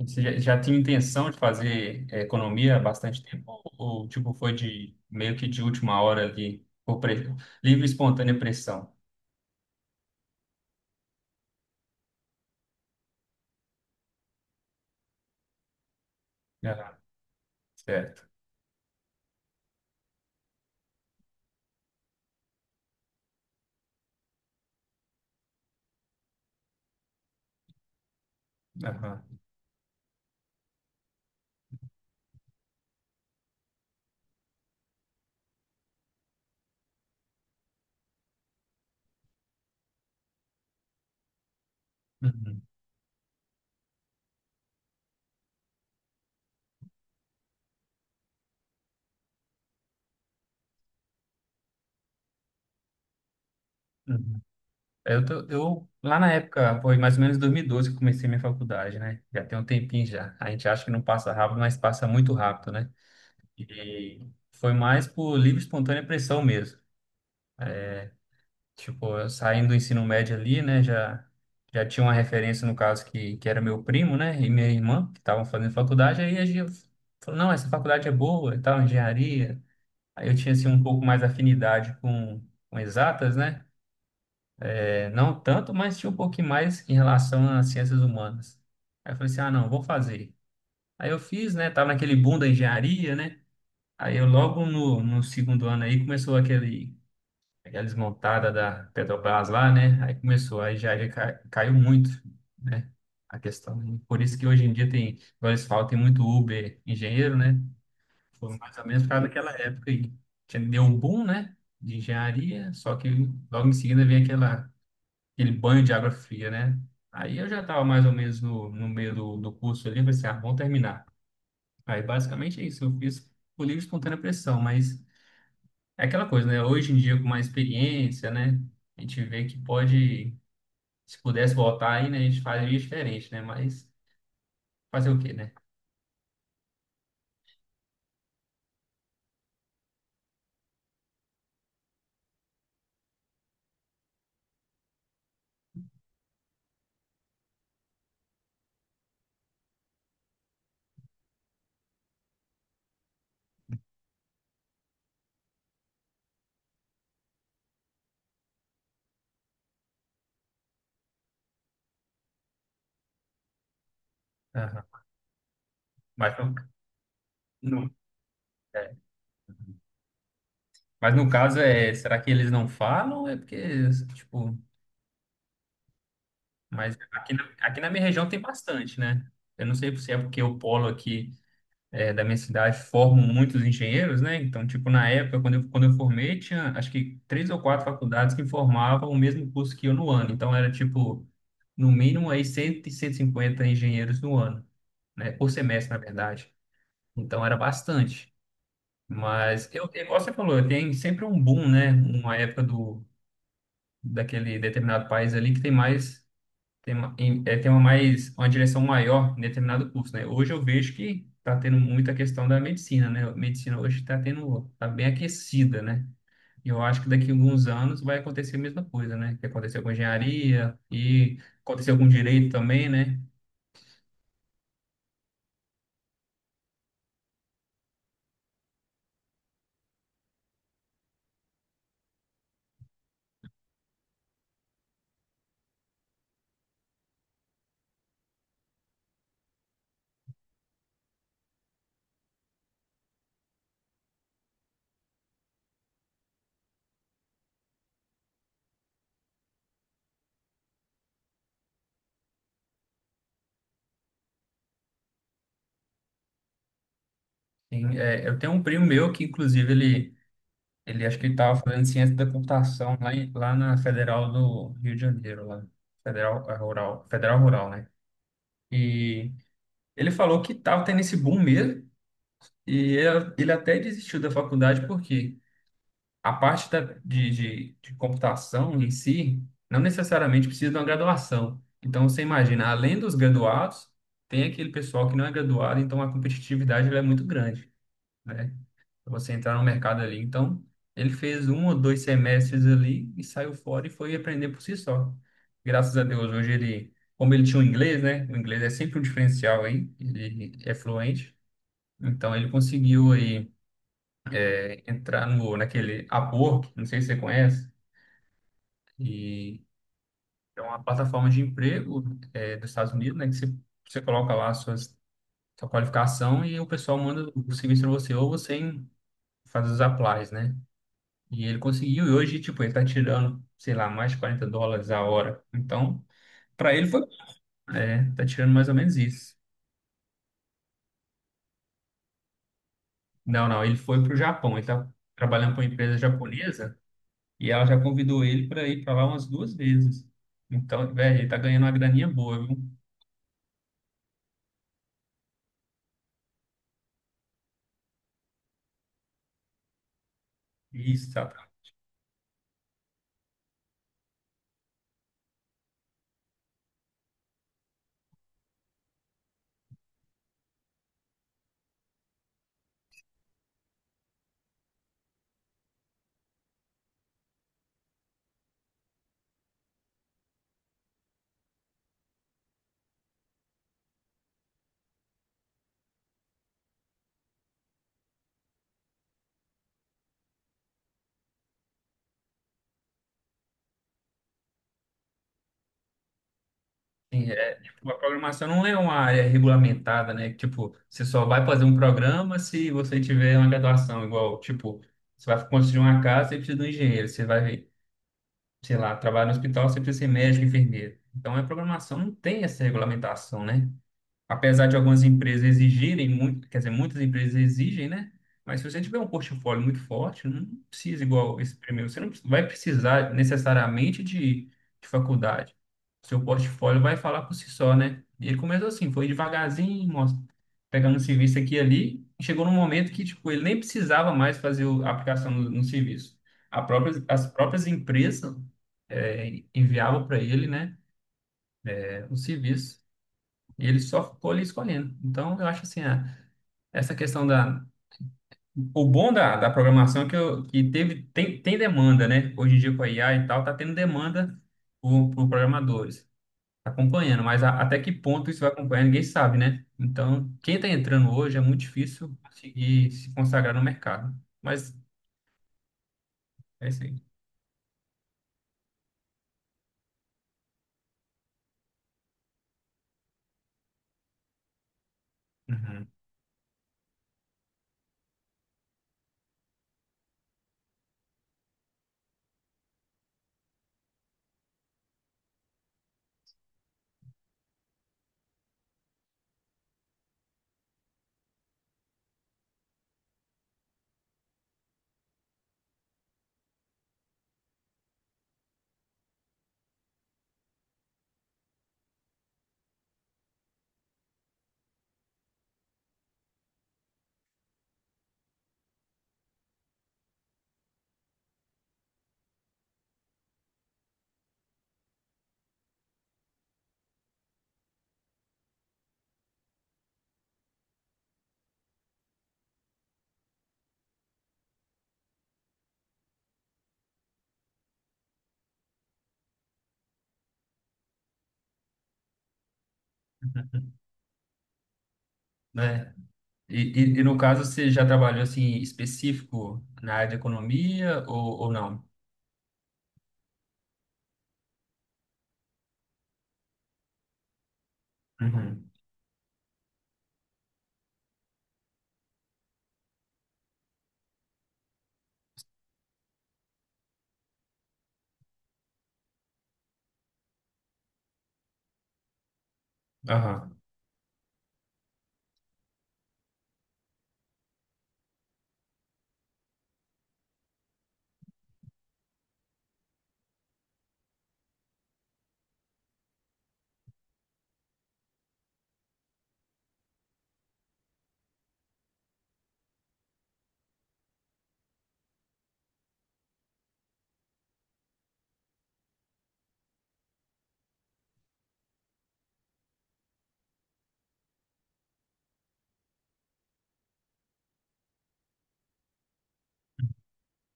Você já tinha intenção de fazer economia há bastante tempo? Ou, tipo, foi de meio que de última hora ali, por livre e espontânea pressão? Aham, certo. Aham. Uhum, uhum. Eu, lá na época, foi mais ou menos 2012 que eu comecei minha faculdade, né? Já tem um tempinho já. A gente acha que não passa rápido, mas passa muito rápido, né? E foi mais por livre e espontânea pressão mesmo. Tipo, eu saindo do ensino médio ali, né, já tinha uma referência, no caso, que era meu primo, né, e minha irmã, que estavam fazendo faculdade, aí a gente falou, não, essa faculdade é boa e tal, engenharia. Aí eu tinha, assim, um pouco mais afinidade com exatas, né. É, não tanto, mas tinha um pouquinho mais em relação às ciências humanas. Aí eu falei assim, ah, não, vou fazer. Aí eu fiz, né, tava naquele boom da engenharia, né, aí eu logo no segundo ano aí começou aquele Aí a desmontada da Petrobras lá, né? Aí começou, aí já caiu muito, né? A questão, né? Por isso que hoje em dia tem, igual eles falam, tem muito Uber engenheiro, né? Foi mais ou menos por causa daquela época aí. Deu um boom, né? De engenharia, só que logo em seguida vem aquele banho de água fria, né? Aí eu já estava mais ou menos no meio do curso ali, falei assim, ah, vamos terminar. Aí basicamente é isso, eu fiz por livre e espontânea pressão, mas é aquela coisa, né? Hoje em dia, com mais experiência, né? A gente vê se pudesse voltar aí, né? A gente faria diferente, né? Mas fazer o quê, né? Aham. Mas no- é. Mas no caso, é, será que eles não falam? É porque, tipo, mas aqui na minha região tem bastante, né? Eu não sei se é porque o polo aqui da minha cidade formam muitos engenheiros, né? Então, tipo, na época, quando eu formei, tinha acho que três ou quatro faculdades que formavam o mesmo curso que eu no ano. Então, era tipo, no mínimo aí 100, 150 engenheiros no ano, né? Por semestre, na verdade. Então, era bastante. Mas, eu, é igual você falou, tem sempre um boom, né? Uma época daquele determinado país ali que tem mais tem uma, tem uma mais, uma direção maior em determinado curso, né? Hoje eu vejo que está tendo muita questão da medicina, né? A medicina hoje está tendo, tá bem aquecida, né? E eu acho que daqui a alguns anos vai acontecer a mesma coisa, né? Que aconteceu com engenharia e aconteceu com direito também, né? Eu tenho um primo meu que, inclusive, ele acho que ele estava fazendo ciência da computação lá, lá na Federal do Rio de Janeiro, lá. Federal Rural, Federal Rural, né? E ele falou que estava tendo esse boom mesmo. E ele até desistiu da faculdade porque a parte de computação em si não necessariamente precisa de uma graduação. Então, você imagina, além dos graduados, tem aquele pessoal que não é graduado, então a competitividade ela é muito grande, né? Pra você entrar no mercado ali. Então, ele fez um ou dois semestres ali e saiu fora e foi aprender por si só. Graças a Deus, hoje ele, como ele tinha o inglês, né? O inglês é sempre um diferencial aí, ele é fluente. Então, ele conseguiu aí entrar naquele Upwork, não sei se você conhece, e é uma plataforma de emprego dos Estados Unidos, né, que você coloca lá a sua qualificação e o pessoal manda o serviço para você ou você faz os applies, né? E ele conseguiu, e hoje, tipo, ele tá tirando, sei lá, mais de US$ 40 a hora. Então, para ele tá tirando mais ou menos isso. Não, não, ele foi pro Japão, ele tá trabalhando para uma empresa japonesa. E ela já convidou ele para ir para lá umas duas vezes. Então, velho, ele tá ganhando uma graninha boa, viu? Isso, tá. Assim, tipo, a programação não é uma área regulamentada, né? Tipo, você só vai fazer um programa se você tiver uma graduação, igual, tipo, você vai construir uma casa, você precisa de um engenheiro, você vai, sei lá, trabalhar no hospital, você precisa ser médico, enfermeiro. Então, a programação não tem essa regulamentação, né? Apesar de algumas empresas exigirem muito, quer dizer, muitas empresas exigem, né? Mas se você tiver um portfólio muito forte, não precisa igual esse primeiro, você não vai precisar necessariamente de faculdade. Seu portfólio vai falar por si só, né? E ele começou assim, foi devagarzinho, mostra, pegando um serviço aqui e ali, e chegou num momento que tipo, ele nem precisava mais fazer a aplicação no serviço. As próprias empresas enviavam para ele, né, o serviço. E ele só ficou ali escolhendo. Então, eu acho assim, essa questão da. O bom da programação é que tem demanda, né? Hoje em dia com a IA e tal, tá tendo demanda por programadores. Tá acompanhando, mas até que ponto isso vai acompanhar, ninguém sabe, né? Então, quem tá entrando hoje é muito difícil conseguir se consagrar no mercado. Mas é isso aí. Uhum. Né? E, e no caso, você já trabalhou assim específico na área de economia ou não? Uhum. Aham.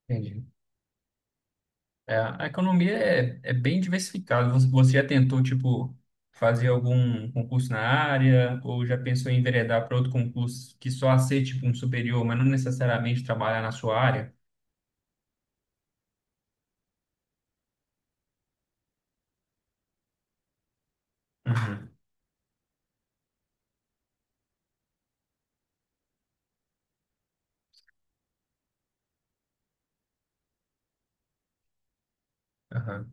Entendi. É, a economia é bem diversificada. Você já tentou, tipo, fazer algum concurso na área ou já pensou em enveredar para outro concurso que só aceite, tipo, um superior, mas não necessariamente trabalhar na sua área? Uhum, aham,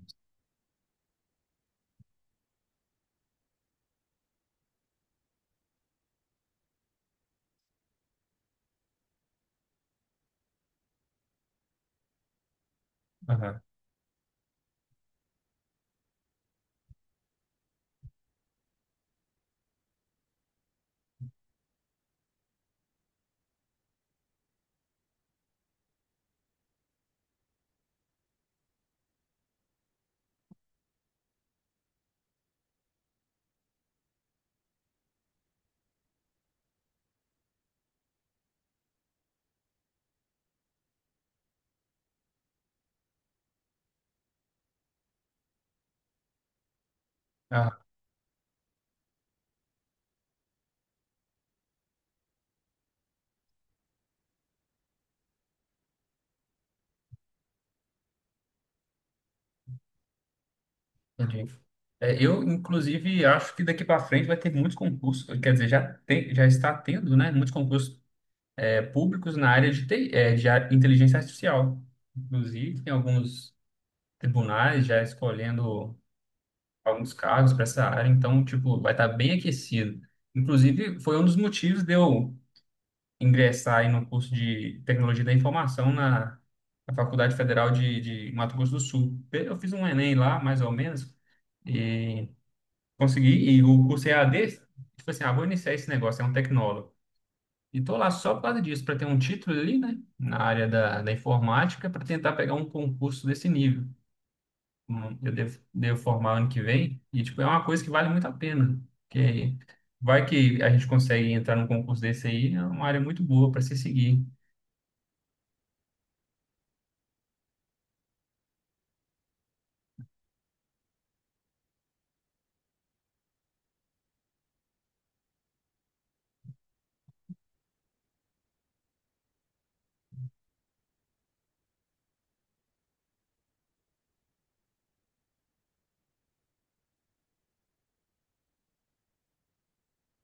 aham. Ah, entendi. É, eu, inclusive, acho que daqui para frente vai ter muitos concursos, quer dizer, já tem, já está tendo, né, muitos concursos públicos na área de TI, de inteligência artificial. Inclusive, tem alguns tribunais já escolhendo alguns cargos para essa área, então, tipo, vai estar bem aquecido. Inclusive, foi um dos motivos de eu ingressar aí no curso de Tecnologia da Informação na Faculdade Federal de Mato Grosso do Sul. Eu fiz um Enem lá, mais ou menos, e consegui, e o curso EAD, tipo assim, ah, vou iniciar esse negócio, é um tecnólogo. E tô lá só por causa disso, para ter um título ali, né, na área da informática, para tentar pegar um concurso desse nível. Eu devo formar ano que vem, e tipo, é uma coisa que vale muito a pena, porque vai que a gente consegue entrar num concurso desse aí, é uma área muito boa para se seguir.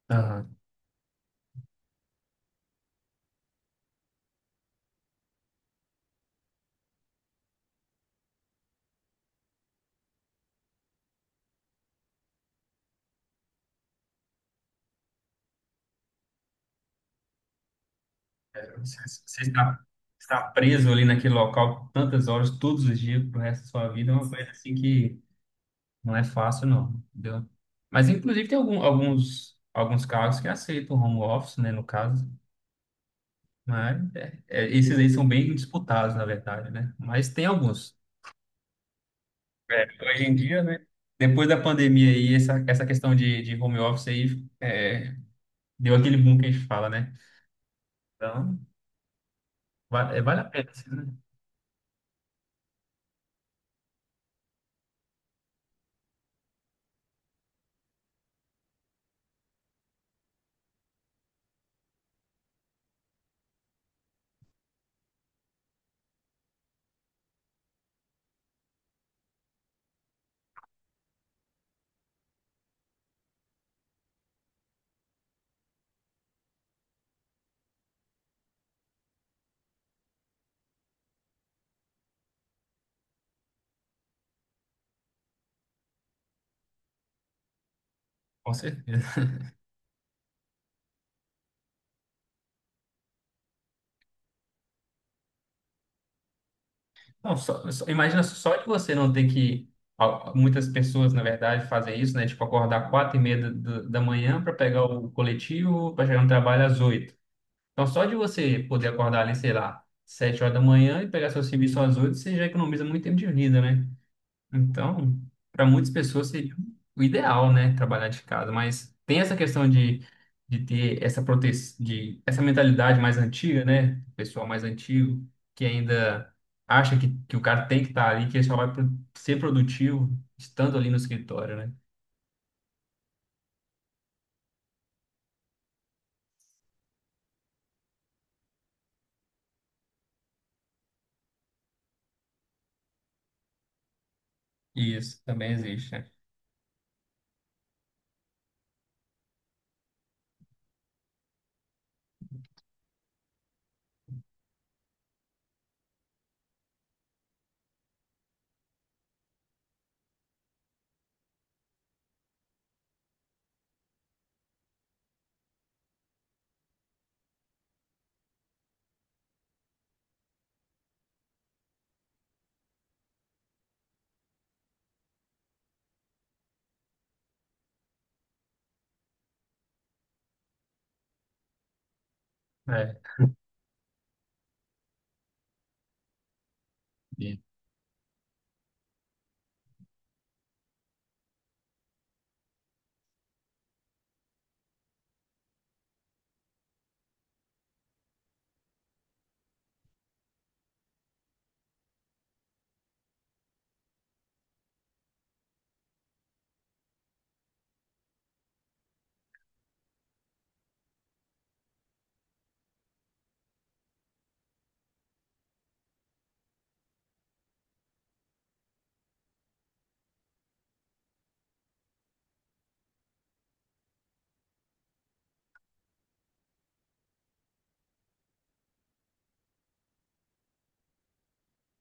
Aham. Você, você está, preso ali naquele local tantas horas, todos os dias, pro resto da sua vida, é uma coisa assim que não é fácil, não, entendeu? Mas, inclusive, tem alguns cargos que aceitam home office, né, no caso, mas esses aí são bem disputados, na verdade, né? Mas tem alguns. Hoje em dia, né? Depois da pandemia aí, essa questão de home office aí deu aquele boom que a gente fala, né? Então, vale a pena, assim, né? Com certeza. Não, imagina só de você não ter que. Muitas pessoas, na verdade, fazem isso, né? Tipo, acordar 4:30 da manhã para pegar o coletivo, para chegar no trabalho às 8. Então, só de você poder acordar ali, sei lá, 7 horas da manhã e pegar seu serviço às 8, você já economiza muito tempo de vida, né? Então, para muitas pessoas seria o ideal, né, trabalhar de casa, mas tem essa questão de ter essa prote... de essa mentalidade mais antiga, né, o pessoal mais antigo que ainda acha que o cara tem que estar ali, que ele só vai ser produtivo estando ali no escritório, né? Isso também existe, né? É, e,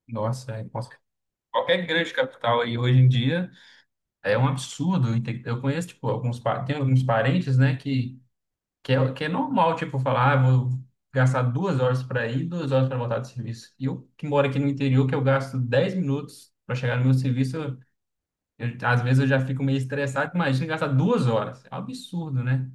Nossa, com certeza. Qualquer grande capital aí hoje em dia é um absurdo. Eu conheço, tipo, tem alguns parentes, né, que. Que é normal, tipo, falar, ah, vou gastar 2 horas para ir, 2 horas para voltar do serviço. E eu que moro aqui no interior, que eu gasto 10 minutos para chegar no meu serviço, eu, às vezes eu já fico meio estressado. Imagina gastar 2 horas. É um absurdo, né?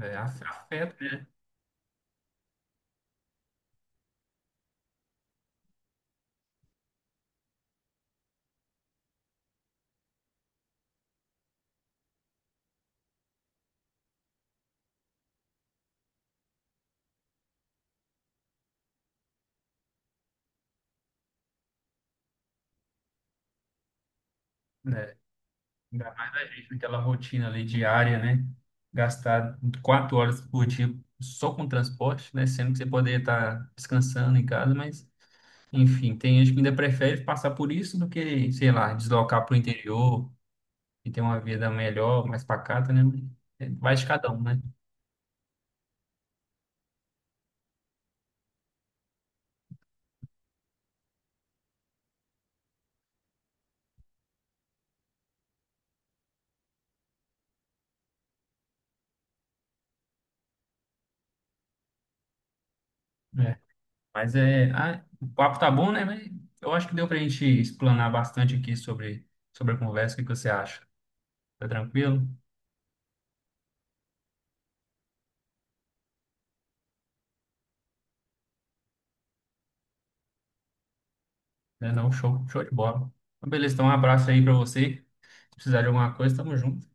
É, afeta, né? Né? Ainda mais a gente naquela rotina ali diária, né? Gastar 4 horas por dia só com transporte, né? Sendo que você poderia estar descansando em casa, mas, enfim, tem gente que ainda prefere passar por isso do que, sei lá, deslocar para o interior e ter uma vida melhor, mais pacata, né? Mas vai de cada um, né? É. Mas o papo tá bom, né? Mas eu acho que deu pra gente explanar bastante aqui sobre a conversa. O que que você acha? Tá tranquilo? É, não, show, show de bola. Então, beleza, então um abraço aí pra você. Se precisar de alguma coisa, tamo junto.